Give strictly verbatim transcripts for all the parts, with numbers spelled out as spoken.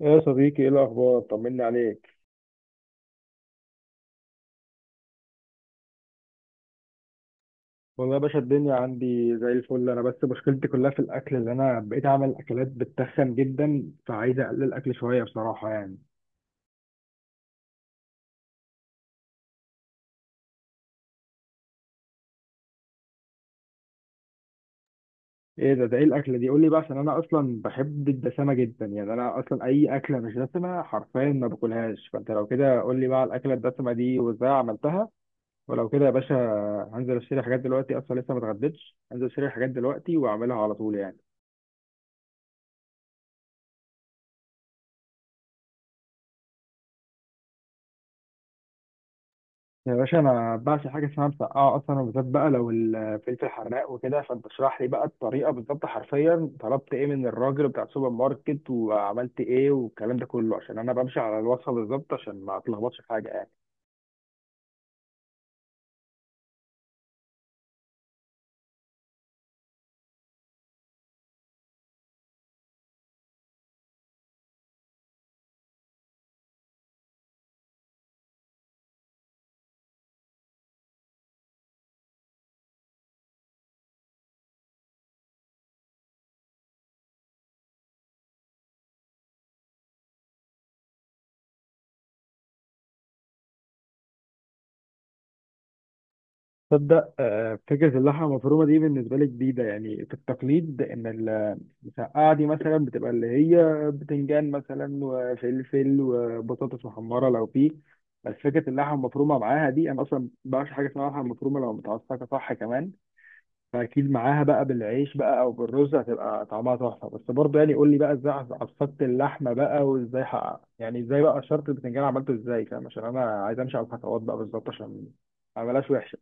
يا صديقي ايه الاخبار طمني عليك. والله يا باشا الدنيا عندي زي الفل، انا بس مشكلتي كلها في الاكل، اللي انا بقيت اعمل اكلات بتخن جدا، فعايز اقلل الاكل شويه بصراحه يعني. ايه ده، ده ايه الاكله دي؟ قول لي بقى، عشان انا اصلا بحب الدسمه جدا يعني، انا اصلا اي اكله مش دسمه حرفيا ما باكلهاش، فانت لو كده قول لي بقى على الاكله الدسمه دي وازاي عملتها. ولو كده يا باشا هنزل اشتري حاجات دلوقتي، اصلا لسه ما اتغديتش، هنزل اشتري حاجات دلوقتي واعملها على طول يعني. يا باشا انا بعشق حاجه اسمها مسقعه اصلا، وبالذات بقى لو الفلفل حراق وكده، فانت اشرح لي بقى الطريقه بالظبط، حرفيا طلبت ايه من الراجل بتاع السوبر ماركت وعملت ايه والكلام ده كله، عشان انا بمشي على الوصفه بالظبط عشان ما اتلخبطش في حاجه يعني. تصدق آه، فكرة اللحمة المفرومة دي بالنسبة لي جديدة يعني، في التقليد إن ال- المسقعة دي مثلا بتبقى اللي هي بتنجان مثلا وفلفل وبطاطس محمرة لو فيه، بس فكرة اللحمة المفرومة معاها دي أنا أصلا مبعرفش حاجة اسمها لحمة مفرومة لو متعصقة صح كمان، فأكيد معاها بقى بالعيش بقى أو بالرز هتبقى طعمها تحفة. بس برضه يعني قول لي بقى إزاي عصقت اللحمة بقى وإزاي حقق. يعني إزاي بقى شرط البتنجان عملته إزاي، فاهم؟ عشان أنا عايز أمشي على الخطوات بقى بالظبط عشان ما أعملهاش وحشة.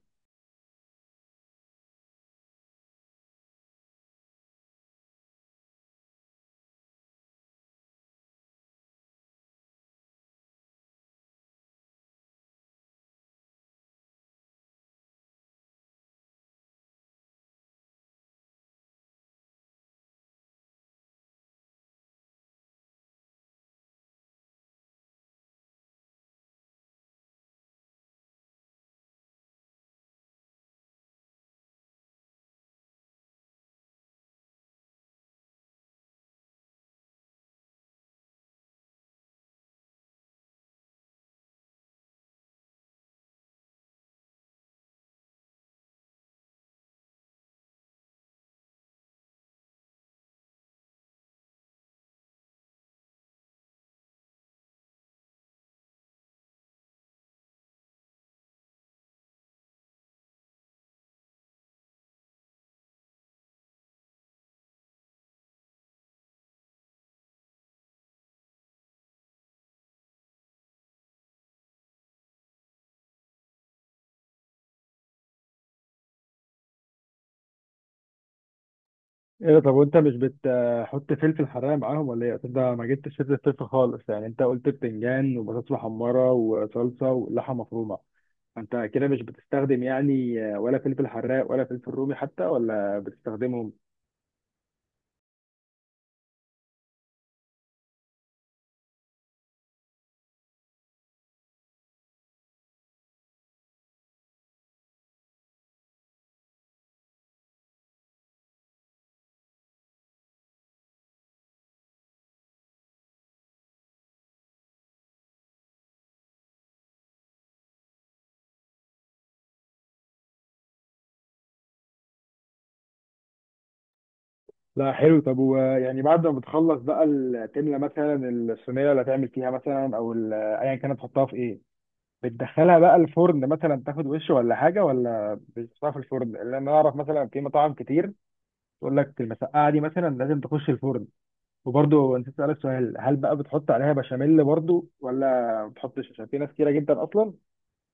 ايه ده، طب وانت مش بتحط فلفل حراق معاهم ولا ايه؟ أصل ده ما جبتش سيره الفلفل خالص يعني، انت قلت بتنجان وبطاطس محمره وصلصه ولحمه مفرومه، انت كده مش بتستخدم يعني ولا فلفل حراق ولا فلفل رومي حتى، ولا بتستخدمهم؟ لا حلو. طب ويعني بعد ما بتخلص بقى ال- تملى مثلا الصينيه اللي هتعمل فيها مثلا، او ال- ايا كانت تحطها في ايه؟ بتدخلها بقى الفرن مثلا تاخد وش ولا حاجه، ولا بتحطها في الفرن؟ لان انا اعرف مثلا في مطاعم كتير تقول لك المسقعه دي مثلا لازم تخش الفرن. وبرضه نسيت اسالك سؤال، هل بقى بتحط عليها بشاميل برضه ولا ما بتحطش؟ عشان في ناس كتيره جدا اصلا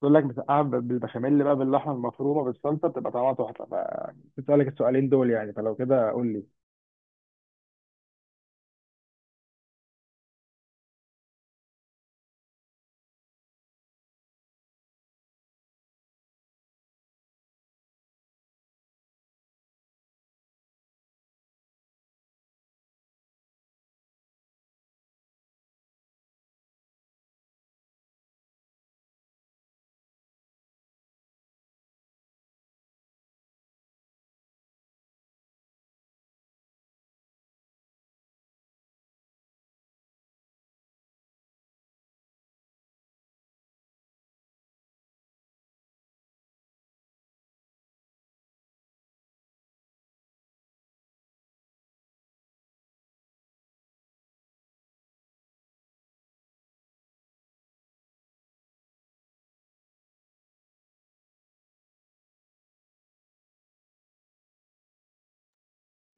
تقول لك مسقعه ب- بالبشاميل بقى باللحمه المفرومه بالصلصه بتبقى طعمها تحفه، فنسيت اسالك السؤالين دول يعني، فلو كده قول لي.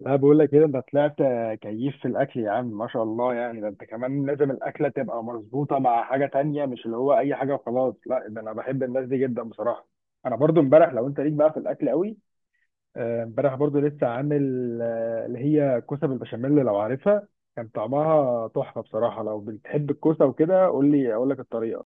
لا بقول لك كده انت طلعت كيف في الاكل يا عم، ما شاء الله يعني، ده انت كمان لازم الاكله تبقى مظبوطه مع حاجه تانية، مش اللي هو اي حاجه وخلاص، لا ده انا بحب الناس دي جدا بصراحه. انا برضو امبارح، لو انت ليك بقى في الاكل قوي، آه، امبارح برضو لسه عامل آه، اللي هي كوسه بالبشاميل لو عارفها، كان طعمها تحفه بصراحه، لو بتحب الكوسه وكده قول لي اقول لك الطريقه.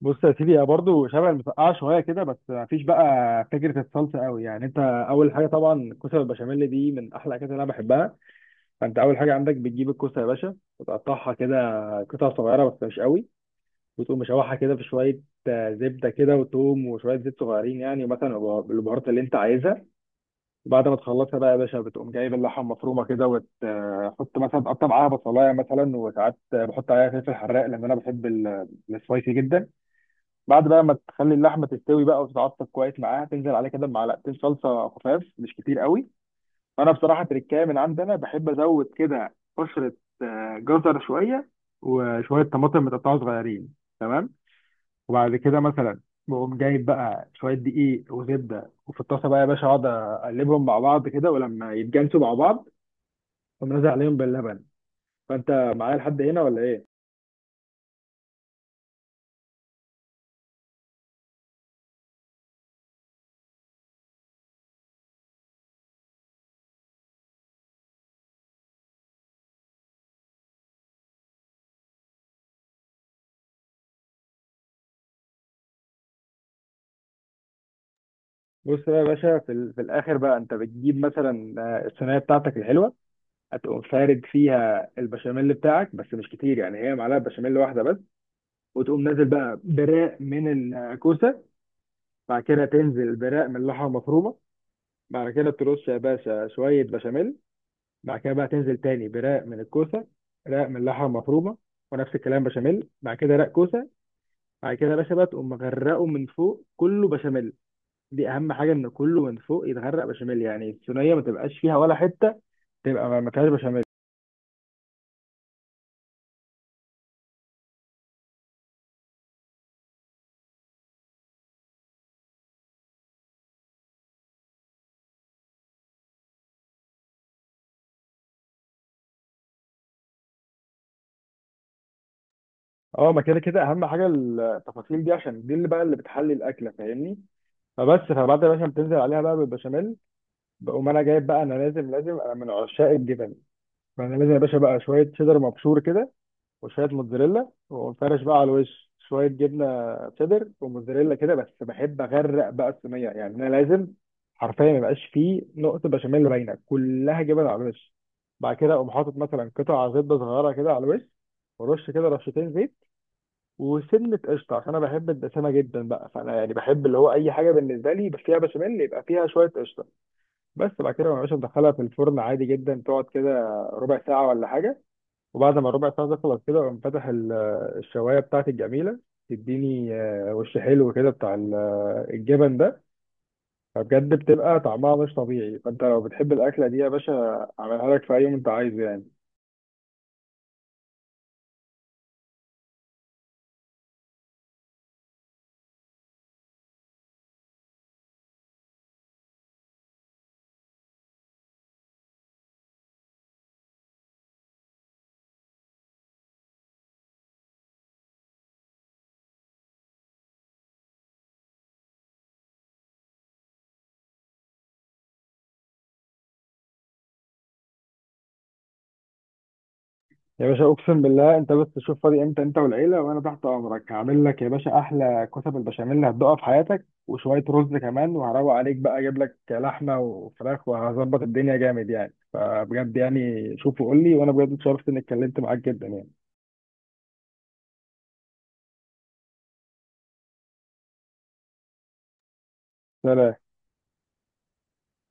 بص يا سيدي، هي برضو شبه المسقعه شويه كده بس ما فيش بقى فكره الصلصه قوي يعني، انت اول حاجه طبعا الكوسه بالبشاميل دي من احلى الاكلات اللي انا بحبها، فانت اول حاجه عندك بتجيب الكوسه يا باشا وتقطعها كده قطع صغيره بس مش قوي، وتقوم مشوحها كده في شويه آه، زبده كده وتوم وشويه زيت صغيرين يعني، مثلا البهارات اللي انت عايزها. وبعد ما تخلصها بقى يا باشا بتقوم جايب اللحمه المفرومه كده وتحط مثلا، تقطع معاها بصلايه مثلا، وساعات بحط عليها فلفل حراق لان انا بحب ال- السبايسي جدا. بعد بقى ما تخلي اللحمه تستوي بقى وتتعصب كويس معاها، تنزل عليها كده بمعلقتين صلصه خفاف مش كتير قوي، فانا بصراحه تركايه من عندنا بحب ازود كده قشره، آه، جزر شويه وشويه طماطم متقطعه صغيرين، تمام؟ وبعد كده مثلا بقوم جايب بقى شويه دقيق وزبده، وفي الطاسه بقى يا باشا اقعد اقلبهم مع بعض كده، ولما يتجانسوا مع بعض اقوم نازل عليهم باللبن. فانت معايا لحد هنا ولا ايه؟ بص بقى يا باشا، في, ال... في الاخر بقى انت بتجيب مثلا آه، الصينيه بتاعتك الحلوه، هتقوم فارد فيها البشاميل بتاعك بس مش كتير يعني، هي معلقه بشاميل واحده بس، وتقوم نازل بقى براق من الكوسه، بعد كده تنزل براق من اللحمه المفرومه، بعد كده ترش يا باشا شويه بشاميل، بعد كده بقى تنزل تاني برق من الكوسه، رق من اللحمه المفرومه، ونفس الكلام بشاميل، بعد كده رق كوسه، بعد كده يا باشا بقى تقوم مغرقه من فوق كله بشاميل. دي اهم حاجه، ان كله من فوق يتغرق بشاميل، يعني الصينيه ما تبقاش فيها ولا حته تبقى ما ما فيهاش بشاميل. اه ما كده كده اهم حاجه التفاصيل دي، عشان دي اللي بقى اللي بتحلي الاكله، فاهمني؟ فبس فبعد يا باشا ما بتنزل عليها بقى بالبشاميل، بقوم انا جايب بقى، انا لازم لازم انا من عشاق الجبن، فانا لازم يا باشا بقى شويه شيدر مبشور كده وشويه موتزاريلا، وفرش بقى على الوش شويه جبنه شيدر وموتزاريلا كده، بس بحب اغرق بقى الصينيه يعني، انا لازم حرفيا ما يبقاش فيه نقطه بشاميل باينه، كلها جبن على الوش. بعد كده اقوم حاطط مثلا قطع زبده صغيره كده على الوش، ورش كده رشتين زيت وسنه قشطه، عشان انا بحب الدسامه جدا بقى، فانا يعني بحب اللي هو اي حاجه بالنسبه لي فيها بشاميل يبقى فيها شويه قشطه. بس بعد كده ما بقاش مدخلها في الفرن عادي جدا، تقعد كده ربع ساعه ولا حاجه، وبعد ما الربع ساعة تخلص كده أقوم فاتح ال- الشواية بتاعتي الجميلة، تديني آه، وش حلو كده بتاع ال- الجبن ده، فبجد بتبقى طعمها مش طبيعي. فأنت لو بتحب الأكلة دي يا باشا أعملها لك في أي يوم أنت عايزه يعني. يا باشا أقسم بالله، أنت بس تشوف فاضي إمتى أنت والعيلة وأنا تحت أمرك، هعمل لك يا باشا أحلى كتب البشاميل هتدوقها في حياتك، وشوية رز كمان، وهروق عليك بقى أجيب لك لحمة وفراخ وهظبط الدنيا جامد يعني. فبجد يعني شوف وقول لي، وأنا بجد اتشرفت إني اتكلمت معاك جدا يعني. سلام.